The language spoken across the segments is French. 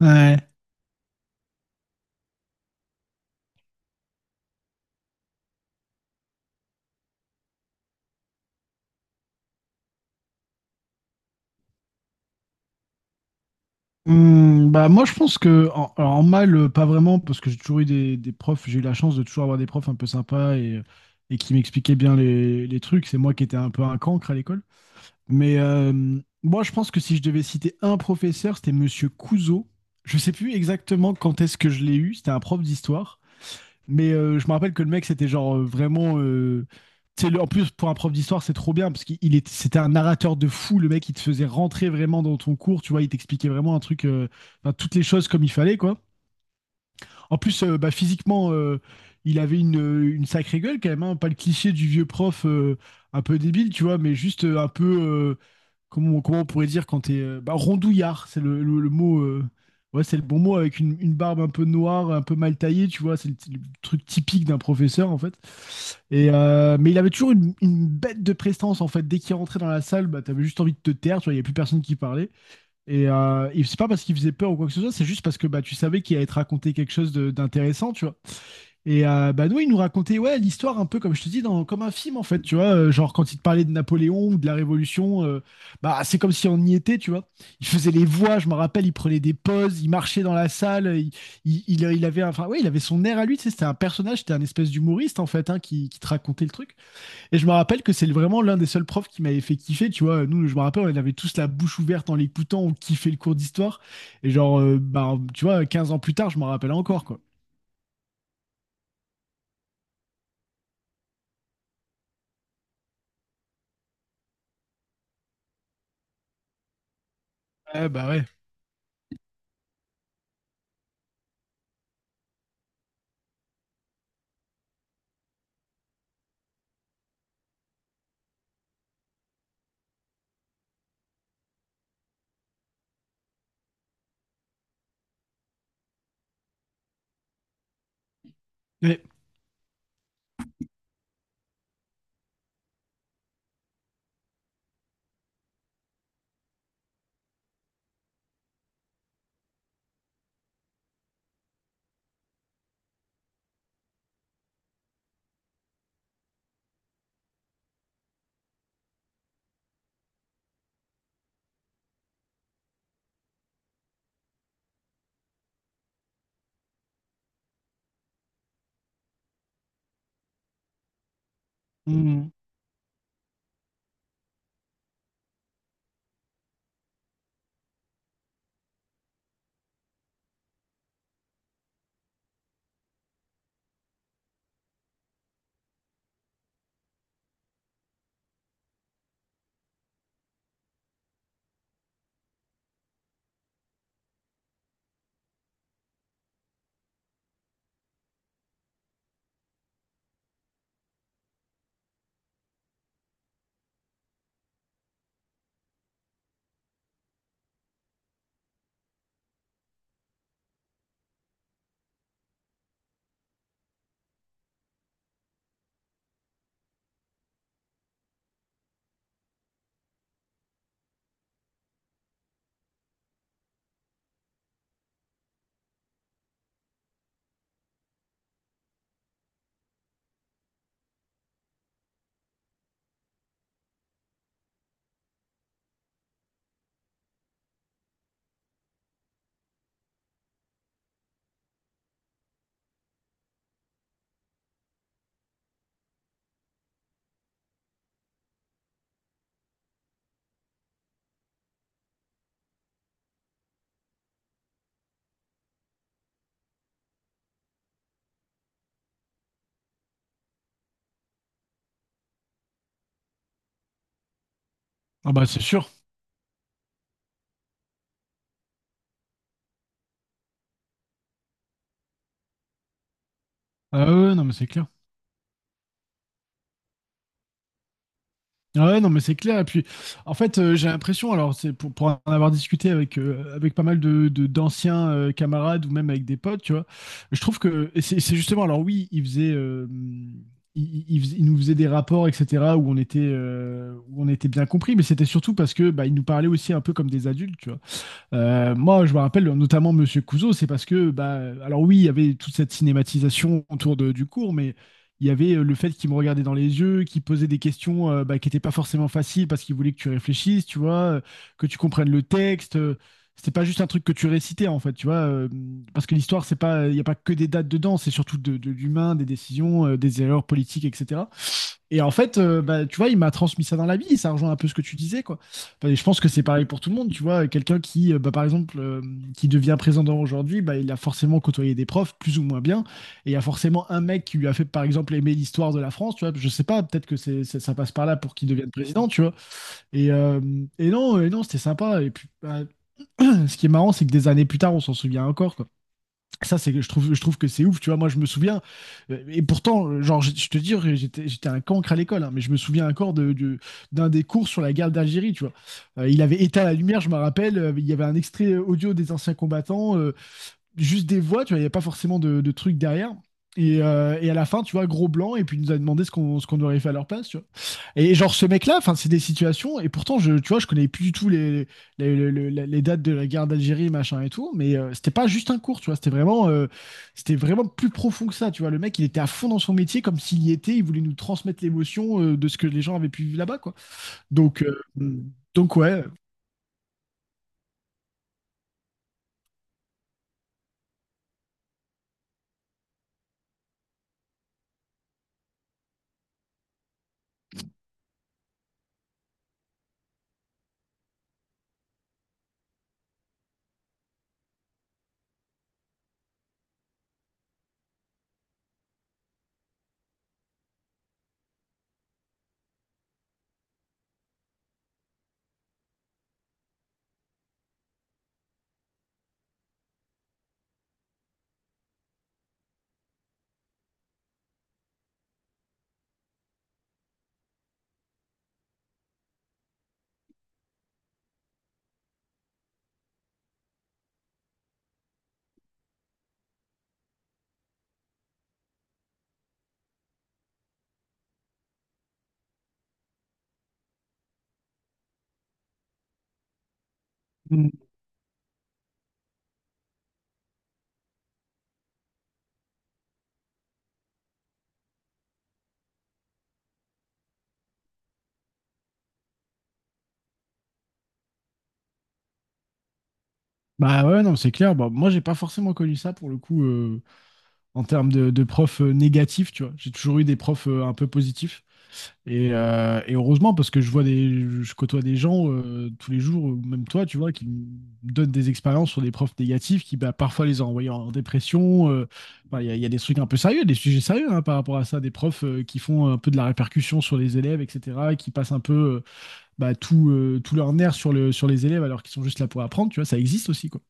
Ouais. Hmm, bah moi je pense que alors, en mal, pas vraiment parce que j'ai toujours eu des profs, j'ai eu la chance de toujours avoir des profs un peu sympas, et qui m'expliquaient bien les trucs. C'est moi qui étais un peu un cancre à l'école, mais moi je pense que si je devais citer un professeur, c'était Monsieur Couzeau. Je sais plus exactement quand est-ce que je l'ai eu, c'était un prof d'histoire. Mais je me rappelle que le mec, c'était genre vraiment, tu sais, en plus, pour un prof d'histoire, c'est trop bien parce qu'il il est- c'était un narrateur de fou. Le mec, il te faisait rentrer vraiment dans ton cours. Tu vois, il t'expliquait vraiment un truc, enfin, toutes les choses comme il fallait, quoi. En plus, physiquement, il avait une sacrée gueule quand même, hein. Pas le cliché du vieux prof, un peu débile, tu vois, mais juste un peu, comment, comment on pourrait dire quand t'es, rondouillard, c'est le mot, ouais, c'est le bon mot, avec une barbe un peu noire, un peu mal taillée, tu vois, c'est le truc typique d'un professeur en fait. Mais il avait toujours une bête de prestance en fait. Dès qu'il rentrait dans la salle, bah, t'avais juste envie de te taire, tu vois, il n'y avait plus personne qui parlait. Et c'est pas parce qu'il faisait peur ou quoi que ce soit, c'est juste parce que bah, tu savais qu'il allait te raconter quelque chose d'intéressant, tu vois. Et nous, il nous racontait, ouais, l'histoire un peu, comme je te dis, comme un film, en fait, tu vois. Genre, quand il te parlait de Napoléon ou de la Révolution, bah, c'est comme si on y était, tu vois. Il faisait les voix, je me rappelle, il prenait des pauses, il marchait dans la salle, il avait, enfin, ouais, il avait son air à lui, tu sais, c'était un personnage, c'était un espèce d'humoriste, en fait, hein, qui te racontait le truc. Et je me rappelle que c'est vraiment l'un des seuls profs qui m'avait fait kiffer, tu vois. Nous, je me rappelle, on avait tous la bouche ouverte en l'écoutant, on kiffait le cours d'histoire. Et genre, tu vois, 15 ans plus tard, je m'en rappelle encore, quoi. Ouais, bah ouais. Ouais. Mmh. Ah bah c'est sûr. Ah ouais, ouais, non, mais c'est clair. Ouais, non, mais c'est clair. Et puis, en fait, j'ai l'impression, alors, c'est pour en avoir discuté avec, avec pas mal d'anciens camarades ou même avec des potes, tu vois, je trouve que c'est justement, alors oui, ils faisaient, ils nous faisaient des rapports, etc., où on était bien compris, mais c'était surtout parce que bah, ils nous parlaient aussi un peu comme des adultes, tu vois. Moi, je me rappelle notamment Monsieur Couzeau, c'est parce que, bah, alors oui, il y avait toute cette cinématisation autour du cours, mais il y avait, le fait qu'il me regardait dans les yeux, qu'il posait des questions, bah, qui n'étaient pas forcément faciles parce qu'il voulait que tu réfléchisses, tu vois, que tu comprennes le texte. C'était pas juste un truc que tu récitais en fait, tu vois, parce que l'histoire, c'est pas, il n'y a pas que des dates dedans, c'est surtout de l'humain, des décisions, des erreurs politiques, etc. Et en fait, tu vois, il m'a transmis ça dans la vie, et ça rejoint un peu ce que tu disais, quoi. Enfin, je pense que c'est pareil pour tout le monde, tu vois. Quelqu'un qui, par exemple, qui devient président aujourd'hui, bah, il a forcément côtoyé des profs, plus ou moins bien. Et il y a forcément un mec qui lui a fait, par exemple, aimer l'histoire de la France, tu vois. Je sais pas, peut-être que c'est ça passe par là pour qu'il devienne président, tu vois. Et, euh, et non, c'était sympa. Et puis, bah, ce qui est marrant, c'est que des années plus tard, on s'en souvient encore, ça, c'est, je trouve que c'est ouf, tu vois. Moi, je me souviens, et pourtant, genre, je te dis, j'étais un cancre à l'école, hein, mais je me souviens encore d'un des cours sur la guerre d'Algérie, tu vois. Il avait éteint la lumière, je me rappelle, il y avait un extrait audio des anciens combattants, juste des voix, tu vois, il n'y avait pas forcément de trucs derrière. Et à la fin, tu vois, gros blanc, et puis il nous a demandé ce qu'on aurait fait à leur place, tu vois. Et genre ce mec-là, enfin c'est des situations, et pourtant tu vois, je connais plus du tout les dates de la guerre d'Algérie machin et tout, mais c'était pas juste un cours, tu vois, c'était vraiment, c'était vraiment plus profond que ça, tu vois. Le mec, il était à fond dans son métier comme s'il y était, il voulait nous transmettre l'émotion, de ce que les gens avaient pu vivre là-bas, quoi. Donc euh, donc ouais. Mm. Bah ouais, non, c'est clair. Bah, moi j'ai pas forcément connu ça pour le coup, en termes de profs, négatifs, tu vois. J'ai toujours eu des profs, un peu positifs. Et heureusement, parce que je vois des, je côtoie des gens, tous les jours, ou même toi, tu vois, qui me donnent des expériences sur des profs négatifs qui, bah, parfois, les ont envoyés en dépression. Enfin, il y a des trucs un peu sérieux, des sujets sérieux, hein, par rapport à ça, des profs, qui font un peu de la répercussion sur les élèves, etc., qui passent un peu, tout leur nerf sur sur les élèves alors qu'ils sont juste là pour apprendre, tu vois, ça existe aussi, quoi.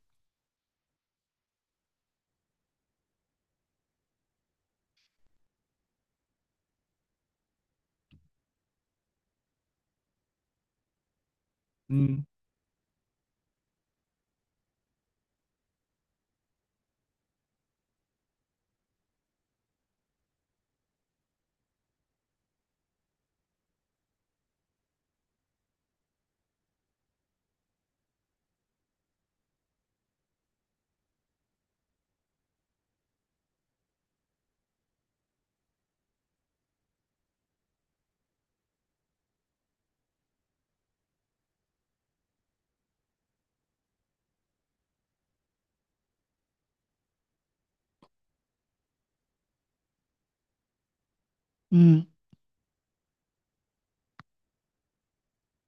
Mm. Mm.